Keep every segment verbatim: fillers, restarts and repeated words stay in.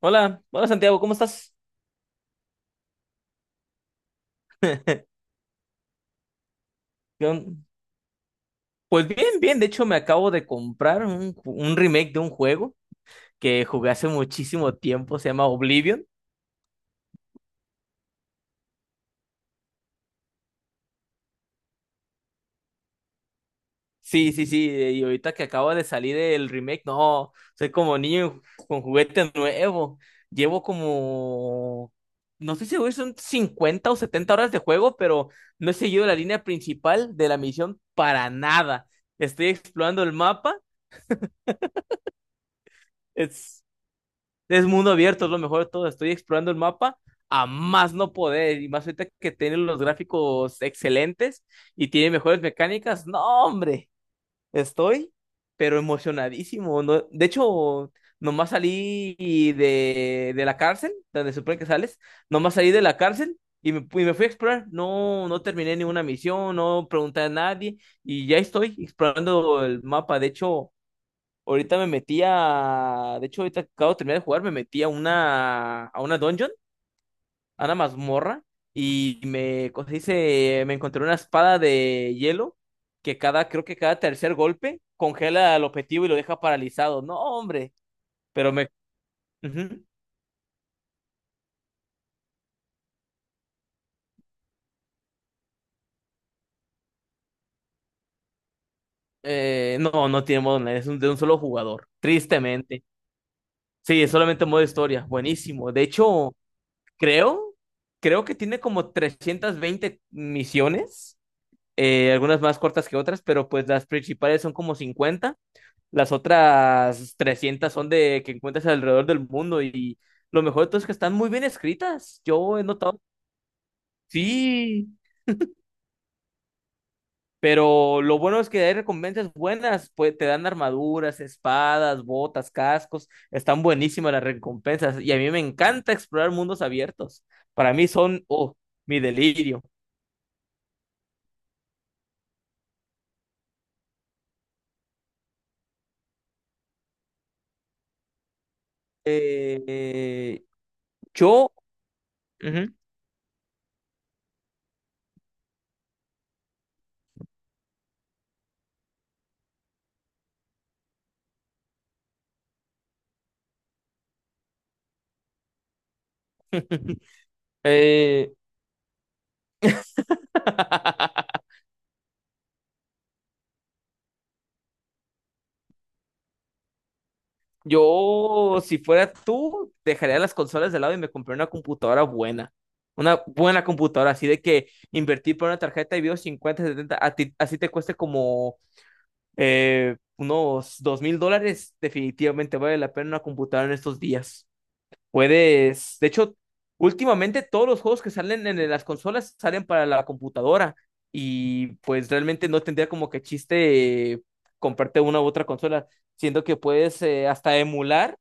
Hola, hola Santiago, ¿cómo estás? Yo- Pues bien, bien, de hecho me acabo de comprar un, ju- un remake de un juego que jugué hace muchísimo tiempo, se llama Oblivion. Sí, sí, sí, eh, y ahorita que acaba de salir el remake, no, soy como niño con juguete nuevo. Llevo como, no estoy seguro si son cincuenta o setenta horas de juego, pero no he seguido la línea principal de la misión para nada. Estoy explorando el mapa. Es Es mundo abierto, es lo mejor de todo. Estoy explorando el mapa a más no poder. Y más ahorita que tiene los gráficos excelentes y tiene mejores mecánicas. No, hombre, estoy, pero emocionadísimo. No- de hecho, nomás salí de, de la cárcel, donde se supone que sales. Nomás salí de la cárcel y me, y me fui a explorar. No, no terminé ninguna misión, no pregunté a nadie. Y ya estoy explorando el mapa. De hecho. Ahorita me metí a. De hecho, ahorita acabo de terminar de jugar, me metí a una. A una dungeon, a una mazmorra. Y me, ¿cómo se dice? Me encontré una espada de hielo que cada, creo que cada tercer golpe congela al objetivo y lo deja paralizado. No, hombre. Pero me. Ujú. Eh, no, no tiene modo online, es un- de un solo jugador. Tristemente. Sí, es solamente modo historia. Buenísimo. De hecho, creo, creo que tiene como trescientas veinte misiones. eh, algunas más cortas que otras, pero pues las principales son como cincuenta, las otras trescientas son de que encuentras alrededor del mundo, y lo mejor de todo es que están muy bien escritas, yo he notado, sí, pero lo bueno es que hay recompensas buenas, pues te dan armaduras, espadas, botas, cascos, están buenísimas las recompensas y a mí me encanta explorar mundos abiertos, para mí son, oh, mi delirio. Eh, eh, yo... Ujú. eh, Yo, si fuera tú, dejaría las consolas de lado y me compré una computadora buena. Una buena computadora, así de que invertir por una tarjeta de video cincuenta setenta a ti- así te cueste como eh, unos dos mil dólares, definitivamente vale la pena una computadora en estos días. Puedes, de hecho, últimamente todos los juegos que salen en las consolas salen para la computadora y pues realmente no tendría como que chiste eh, comprarte una u otra consola, siendo que puedes eh, hasta emular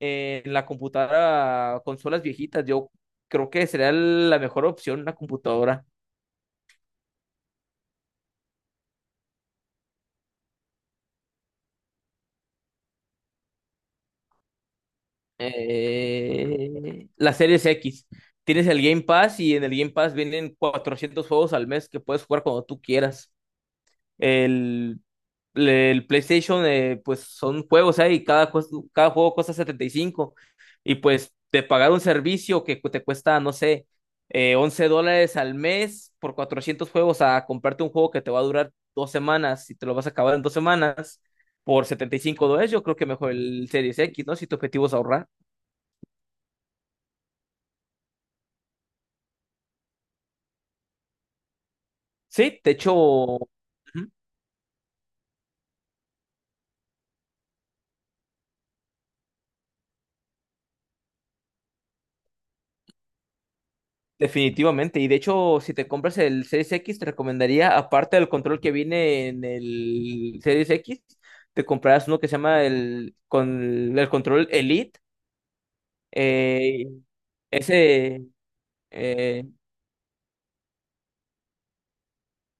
eh, en la computadora, consolas viejitas, yo creo que sería la mejor opción una computadora. Eh, la Series X. Tienes el Game Pass y en el Game Pass vienen cuatrocientos juegos al mes que puedes jugar cuando tú quieras. El, el PlayStation, eh, pues son juegos ahí, cada, cues- cada juego cuesta setenta y cinco, y pues de pagar un servicio que cu- te cuesta, no sé, eh, once dólares al mes por cuatrocientos juegos, a comprarte un juego que te va a durar dos semanas y te lo vas a acabar en dos semanas por setenta y cinco dólares, yo creo que mejor el Series X, ¿no? Si tu objetivo es ahorrar. Sí, de hecho, ujú. Definitivamente, y de hecho, si te compras el Series X, te recomendaría, aparte del control que viene en el Series X, te comprarás uno que se llama el, con, el control Elite. eh, ese, eh,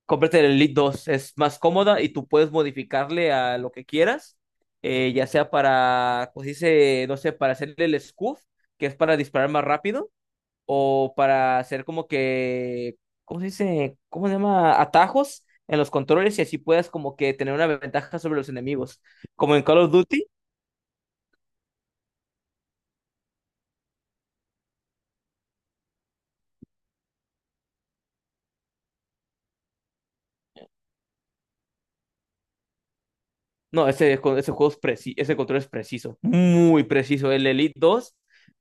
cómprate el Elite dos, es más cómoda y tú puedes modificarle a lo que quieras, eh, ya sea para, pues dice, no sé, para hacerle el scuff, que es para disparar más rápido, o para hacer como que, ¿cómo se dice? ¿Cómo se llama? Atajos en los controles y así puedas como que tener una ventaja sobre los enemigos. Como en Call of Duty, no, ese, co- ese juego es preci- ese control es preciso, muy preciso. El Elite dos,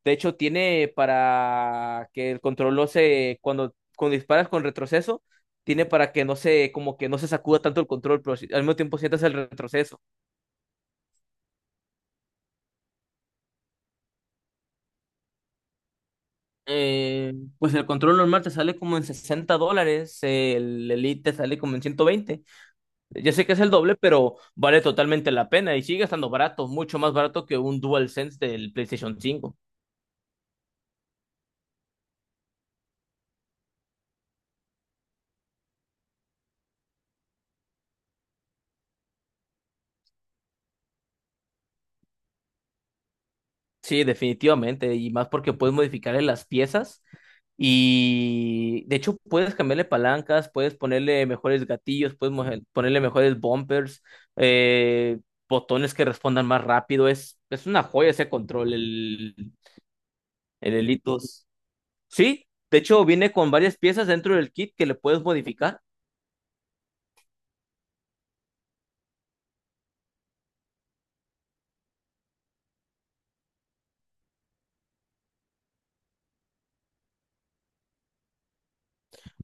de hecho, tiene para que el control no se, cuando, cuando disparas con retroceso, tiene para que no se, como que no se sacuda tanto el control, pero si- al mismo tiempo sientas el retroceso. Eh, pues el control normal te sale como en sesenta dólares, el Elite te sale como en ciento veinte. Ya sé que es el doble, pero vale totalmente la pena y sigue estando barato, mucho más barato que un DualSense del PlayStation cinco. Sí, definitivamente, y más porque puedes modificarle las piezas y de hecho puedes cambiarle palancas, puedes ponerle mejores gatillos, puedes moje- ponerle mejores bumpers, eh, botones que respondan más rápido. Es, es una joya ese control, el, el Elite. Sí, de hecho viene con varias piezas dentro del kit que le puedes modificar.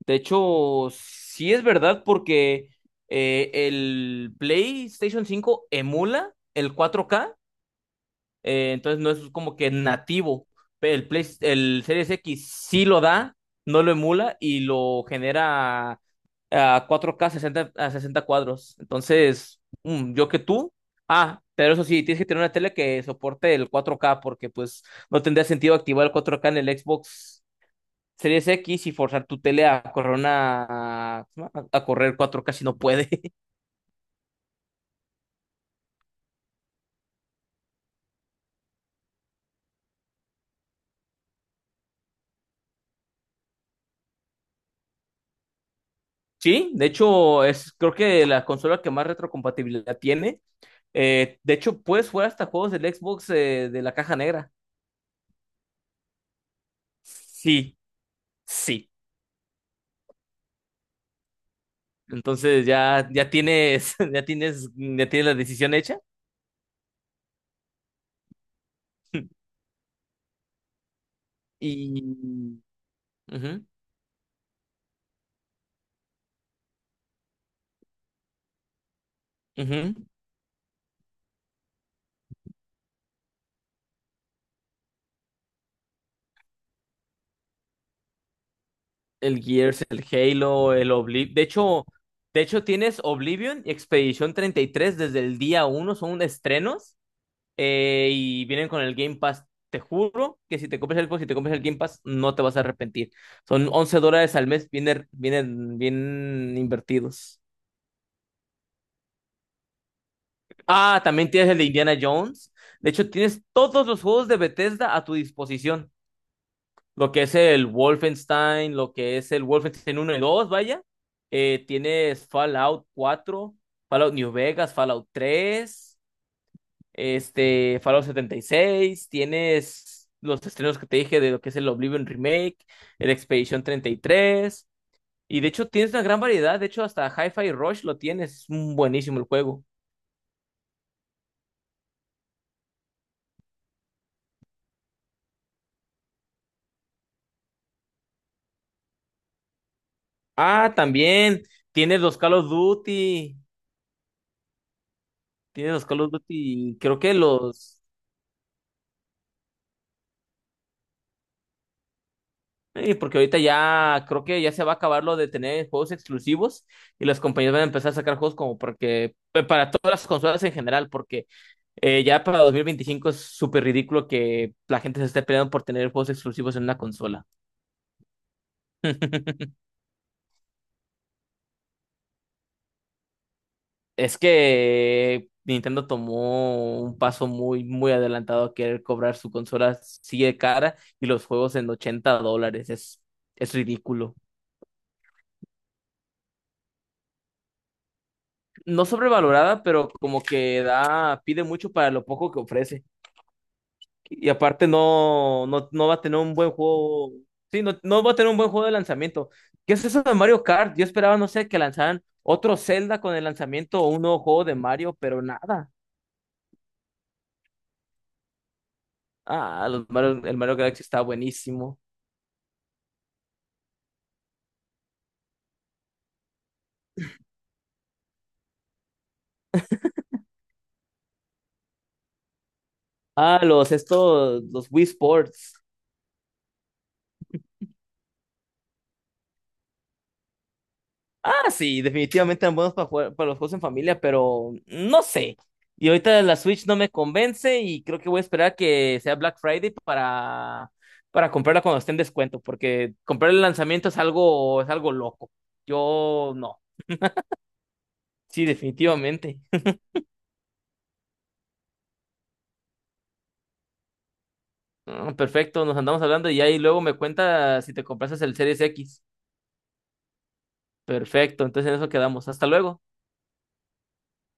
De hecho, sí es verdad porque eh, el PlayStation cinco emula el cuatro k. Eh, entonces no es como que nativo. Pero el Play- el Series X sí lo da, no lo emula y lo genera a a cuatro k sesenta, a sesenta cuadros. Entonces, mm, yo que tú. Ah, pero eso sí, tienes que tener una tele que soporte el cuatro k, porque pues no tendría sentido activar el cuatro k en el Xbox Series X y forzar tu tele a correr una, a, a correr cuatro k si no puede. Sí, de hecho es creo que la consola que más retrocompatibilidad tiene. Eh, de hecho, puedes jugar hasta juegos del Xbox, eh, de la caja negra. Sí, sí. Entonces ya, ya tienes, ya tienes, ya tienes la decisión hecha. Y ujú, ujú. El Gears, el Halo, el Oblivion. De hecho, de hecho, tienes Oblivion y Expedition treinta y tres desde el día uno, son unos estrenos. Eh, y vienen con el Game Pass. Te juro que si te compras el Xbox y te compras el Game Pass, no te vas a arrepentir. Son once dólares al mes, vienen, vienen bien invertidos. Ah, también tienes el de Indiana Jones. De hecho, tienes todos los juegos de Bethesda a tu disposición. Lo que es el Wolfenstein, lo que es el Wolfenstein uno y dos vaya. Eh, tienes Fallout cuatro, Fallout New Vegas, Fallout tres, este, Fallout setenta y seis, tienes los estrenos que te dije de lo que es el Oblivion Remake, el Expedition treinta y tres, y tres, y de hecho tienes una gran variedad, de hecho hasta Hi-Fi Rush lo tienes, es un buenísimo el juego. Ah, también tienes los Call of Duty, tienes los Call of Duty, creo que los... Y porque ahorita ya creo que ya se va a acabar lo de tener juegos exclusivos y las compañías van a empezar a sacar juegos como porque pa- para todas las consolas en general, porque eh, ya para dos mil veinticinco es súper ridículo que la gente se esté peleando por tener juegos exclusivos en una consola. Es que Nintendo tomó un paso muy, muy adelantado a querer cobrar, su consola sigue cara y los juegos en ochenta dólares. Es, es ridículo. No sobrevalorada, pero como que da, pide mucho para lo poco que ofrece. Y aparte no, no, no va a tener un buen juego. Sí, no, no va a tener un buen juego de lanzamiento. ¿Qué es eso de Mario Kart? Yo esperaba, no sé, que lanzaran otro Zelda con el lanzamiento o un nuevo juego de Mario, pero nada. Ah, los Mario- el Mario Galaxy está buenísimo. Ah, los estos, los Wii Sports. Ah, sí, definitivamente eran buenos para jugar para los juegos en familia, pero no sé. Y ahorita la Switch no me convence y creo que voy a esperar que sea Black Friday para, para comprarla cuando esté en descuento, porque comprar el lanzamiento es algo, es algo loco. Yo no. Sí, definitivamente. Ah, perfecto, nos andamos hablando y ahí luego me cuenta si te compraste el Series X. Perfecto, entonces en eso quedamos. Hasta luego.